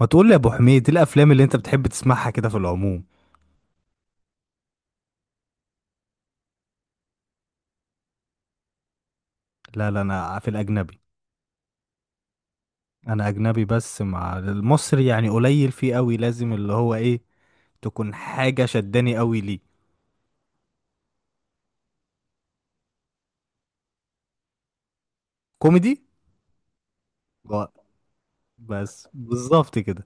ما تقول لي يا ابو حميد، ايه الافلام اللي انت بتحب تسمعها كده في العموم؟ لا لا، انا في الاجنبي. انا اجنبي بس، مع المصري يعني قليل فيه قوي، لازم اللي هو ايه، تكون حاجه شداني قوي ليه. كوميدي. و- بس بالظبط كده.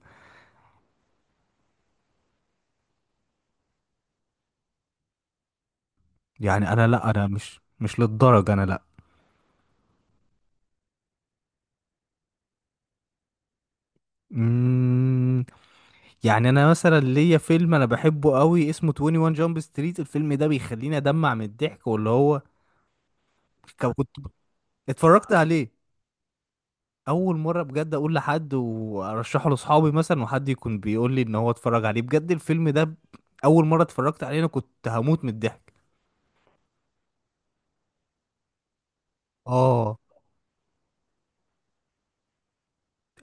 يعني انا لا، انا مش للدرجه، انا لا. مم. يعني انا مثلا ليا فيلم انا بحبه قوي، اسمه 21 جامب ستريت، الفيلم ده بيخليني ادمع من الضحك، واللي هو كنت اتفرجت عليه اول مره. بجد اقول لحد وارشحه لاصحابي مثلا، وحد يكون بيقول لي ان هو اتفرج عليه بجد الفيلم ده اول مره اتفرجت عليه انا كنت هموت من الضحك. اه،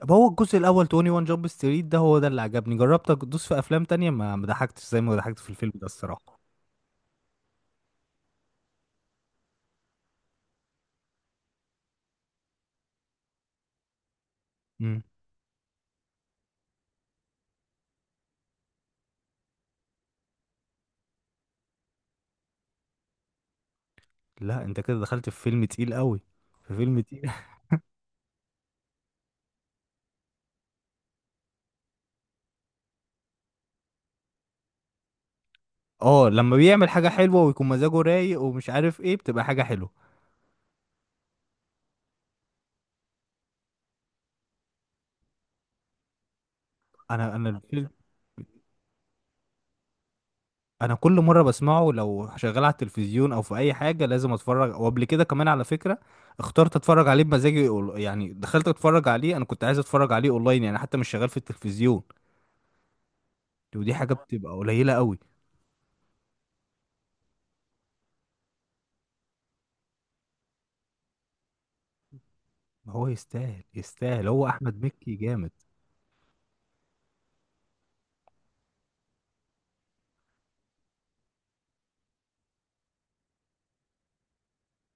طب هو الجزء الاول 21 جامب ستريت ده هو ده اللي عجبني، جربت ادوس في افلام تانية ما ضحكتش زي ما ضحكت في الفيلم ده الصراحه. امم لا انت كده دخلت في فيلم تقيل قوي، في فيلم تقيل اه، لما بيعمل حاجه حلوه ويكون مزاجه رايق ومش عارف ايه بتبقى حاجه حلوه. انا انا كل مره بسمعه لو شغال على التلفزيون او في اي حاجه لازم اتفرج، وقبل كده كمان على فكره اخترت اتفرج عليه بمزاجي، يعني دخلت اتفرج عليه انا كنت عايز اتفرج عليه اونلاين، يعني حتى مش شغال في التلفزيون، ودي حاجه بتبقى قليله قوي. ما هو يستاهل يستاهل، هو احمد مكي جامد.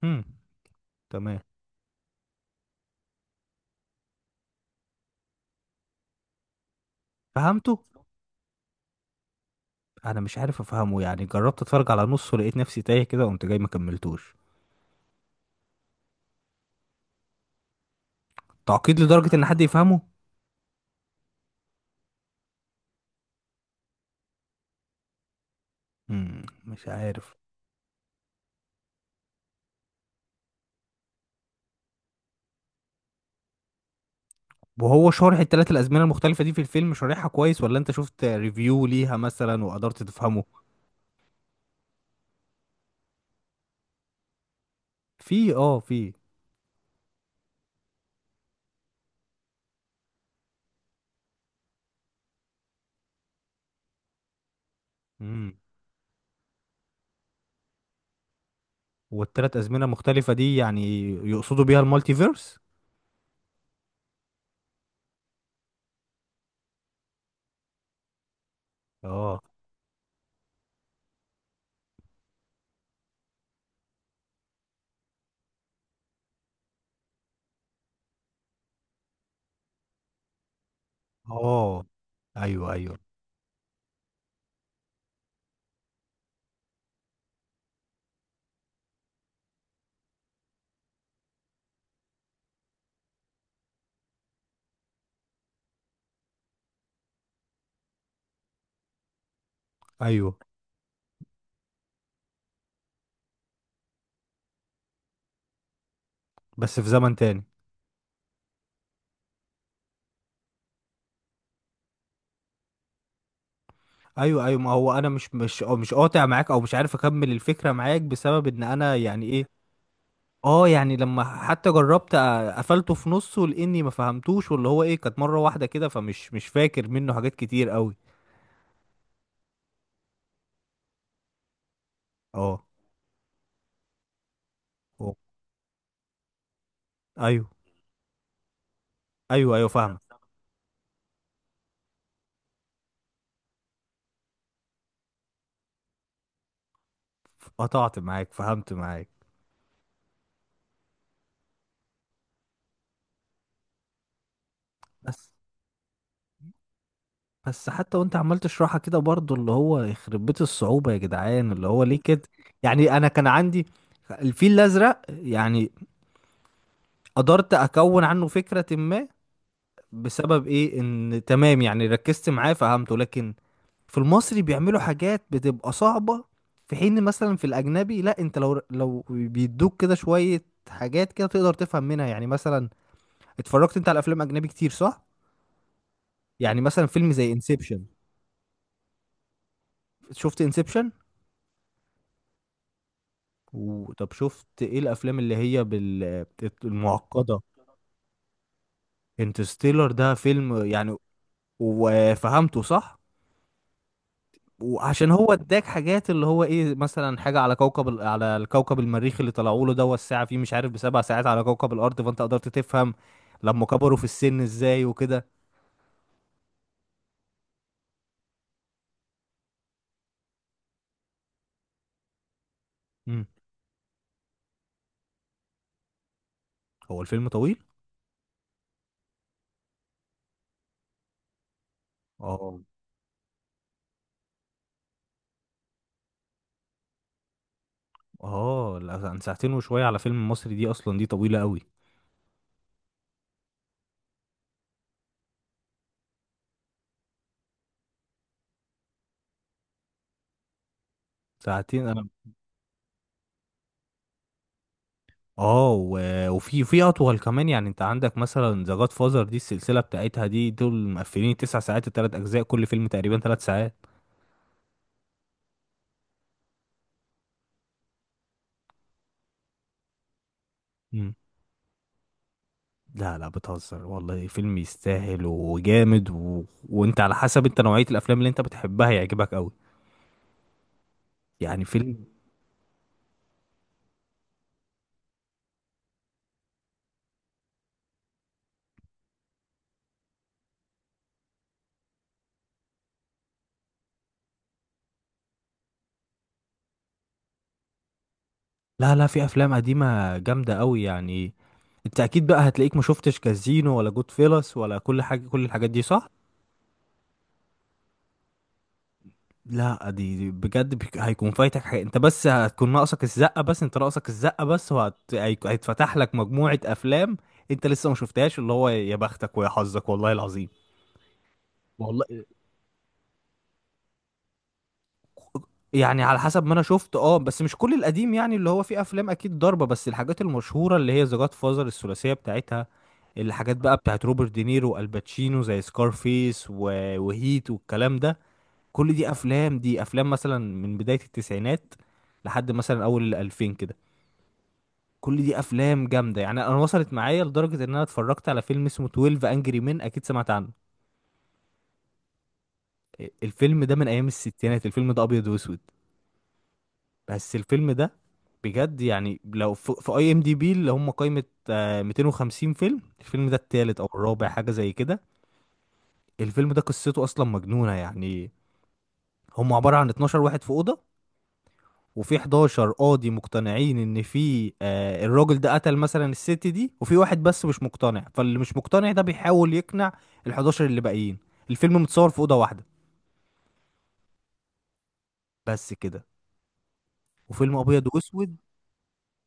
هم، تمام، فهمته. انا مش عارف افهمه يعني، جربت اتفرج على نصه لقيت نفسي تايه كده قمت جاي ما كملتوش. تعقيد لدرجه ان حد يفهمه. هم، مش عارف. وهو شارح التلات الازمنه المختلفه دي في الفيلم، شارحها كويس ولا انت شفت ريفيو ليها مثلا وقدرت تفهمه؟ في. امم والتلات ازمنه المختلفه دي يعني يقصدوا بيها المالتيفيرس؟ اه. اه، ايوه ايوه. ايوه، بس في زمن تاني. ايوه ايوه، ما هو انا مش أو مش قاطع معاك او مش عارف اكمل الفكره معاك بسبب ان انا يعني ايه. اه يعني، لما حتى جربت قفلته في نصه لاني ما فهمتوش، واللي هو ايه كانت مره واحده كده فمش مش فاكر منه حاجات كتير قوي. اه. و- ايوه ايوه ايوه، فاهمك. قطعت معاك، فهمت معاك. بس. بس حتى وانت عمال تشرحها كده برضو اللي هو يخرب بيت الصعوبة يا جدعان، اللي هو ليه كده؟ يعني انا كان عندي الفيل الازرق يعني، قدرت اكون عنه فكرة ما، بسبب ايه، ان تمام يعني ركزت معاه فهمته. لكن في المصري بيعملوا حاجات بتبقى صعبة، في حين مثلا في الاجنبي لا، انت لو بيدوك كده شوية حاجات كده تقدر تفهم منها. يعني مثلا، اتفرجت انت على افلام اجنبي كتير صح؟ يعني مثلا فيلم زي انسبشن، شفت انسبشن؟ وطب شفت ايه الافلام اللي هي بال المعقده؟ انترستيلر ده فيلم يعني، وفهمته صح، وعشان هو اداك حاجات اللي هو ايه، مثلا حاجه على كوكب على الكوكب المريخ اللي طلعوا له ده، والساعه فيه مش عارف بـ7 ساعات على كوكب الارض، فانت قدرت تفهم لما كبروا في السن ازاي وكده. امم هو الفيلم طويل. اه، اه، لا، عن ساعتين وشويه على فيلم مصري دي اصلا دي طويله قوي. ساعتين انا، اه، وفي اطول كمان، يعني انت عندك مثلا ذا جاد فازر دي السلسله بتاعتها دي، دول مقفلين 9 ساعات، التلات اجزاء كل فيلم تقريبا 3 ساعات. مم. لا لا، بتهزر والله، فيلم يستاهل وجامد، وانت على حسب انت نوعيه الافلام اللي انت بتحبها يعجبك قوي، يعني فيلم. لا لا، في افلام قديمه جامده قوي يعني، انت اكيد بقى هتلاقيك ما شفتش كازينو ولا جود فيلس ولا كل حاجه، كل الحاجات دي صح؟ لا، دي بجد هيكون فايتك حاجة انت، بس هتكون ناقصك الزقة بس، انت ناقصك الزقة بس هيتفتح لك مجموعة افلام انت لسه ما شفتهاش، اللي هو يا بختك ويا حظك والله العظيم. والله. يعني على حسب ما انا شفت، اه، بس مش كل القديم يعني، اللي هو فيه افلام اكيد ضربة، بس الحاجات المشهورة اللي هي ذا جاد فازر الثلاثية بتاعتها، الحاجات بقى بتاعت روبرت دينيرو والباتشينو زي سكارفيس وهيت والكلام ده، كل دي افلام، دي افلام مثلا من بداية التسعينات لحد مثلا اول الالفين كده، كل دي افلام جامده. يعني انا وصلت معايا لدرجه ان انا اتفرجت على فيلم اسمه 12 انجري مين، اكيد سمعت عنه. إيه، الفيلم ده من ايام الستينات، الفيلم ده ابيض واسود بس الفيلم ده بجد يعني، لو في اي ام دي بي اللي هم قائمه آه، 250 فيلم، الفيلم ده التالت او الرابع حاجه زي كده. الفيلم ده قصته اصلا مجنونه يعني، هم عباره عن 12 واحد في اوضه، وفي 11 قاضي مقتنعين ان في آه الراجل ده قتل مثلا الست دي، وفي واحد بس مش مقتنع، فاللي مش مقتنع ده بيحاول يقنع ال 11 اللي باقيين. الفيلم متصور في اوضه واحده بس كده، وفيلم ابيض واسود،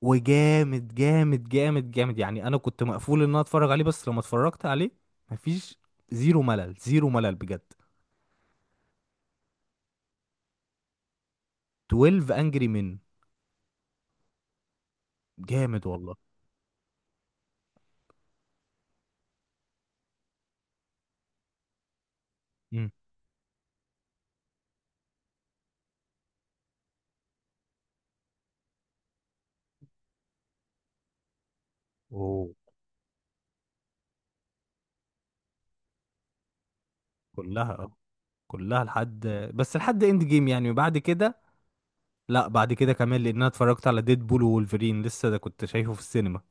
وجامد جامد جامد جامد. يعني انا كنت مقفول ان انا اتفرج عليه، بس لما اتفرجت عليه مفيش، زيرو ملل زيرو ملل بجد. 12 انجري من. جامد والله. امم اوه. كلها، كلها لحد، بس لحد اند جيم يعني، وبعد كده لا، بعد كده كمان لان انا اتفرجت على ديد بول وولفرين لسه ده، كنت شايفه في السينما،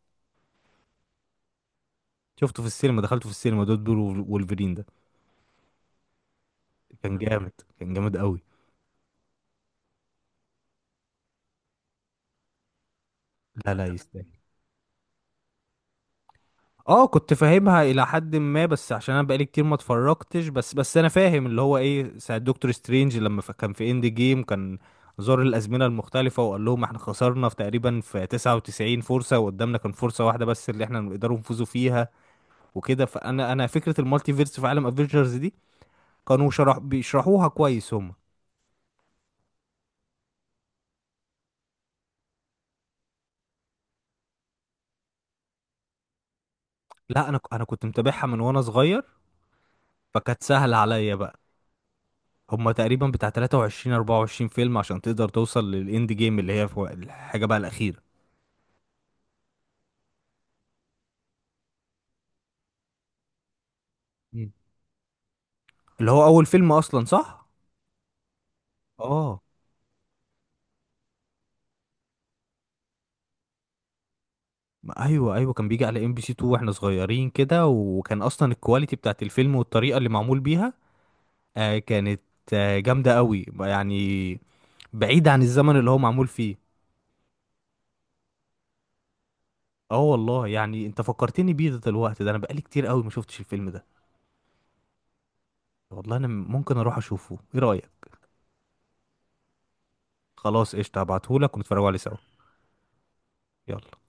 شفته في السينما، دخلته في السينما ديد بول وولفرين ده. كان جامد، كان جامد قوي. لا لا، يستاهل. اه كنت فاهمها الى حد ما، بس عشان انا بقالي كتير ما اتفرجتش، بس انا فاهم اللي هو ايه، ساعة دكتور سترينج لما كان في اند جيم كان زار الازمنه المختلفه وقال لهم احنا خسرنا في تقريبا في 99 فرصه، وقدامنا كان فرصه واحده بس اللي احنا نقدروا نفوزوا فيها وكده. فانا فكره المالتي فيرس في عالم افنجرز كانوا بيشرحوها كويس هم. لا انا انا كنت متابعها من وانا صغير، فكانت سهله عليا بقى. هم تقريبا بتاع 23 24 فيلم عشان تقدر توصل للاند جيم اللي هي في الحاجه بقى الاخيره. مم. اللي هو اول فيلم اصلا صح. اه، ما ايوه ايوه، كان بيجي على ام بي سي 2 واحنا صغيرين كده، وكان اصلا الكواليتي بتاعت الفيلم والطريقه اللي معمول بيها، آه كانت، آه جامده قوي يعني، بعيد عن الزمن اللي هو معمول فيه. اه والله، يعني انت فكرتني بيه ده دلوقتي، ده انا بقالي كتير قوي ما شفتش الفيلم ده. والله انا ممكن اروح اشوفه، ايه رايك؟ خلاص قشطه، هبعتهولك ونتفرجوا عليه سوا. يلا.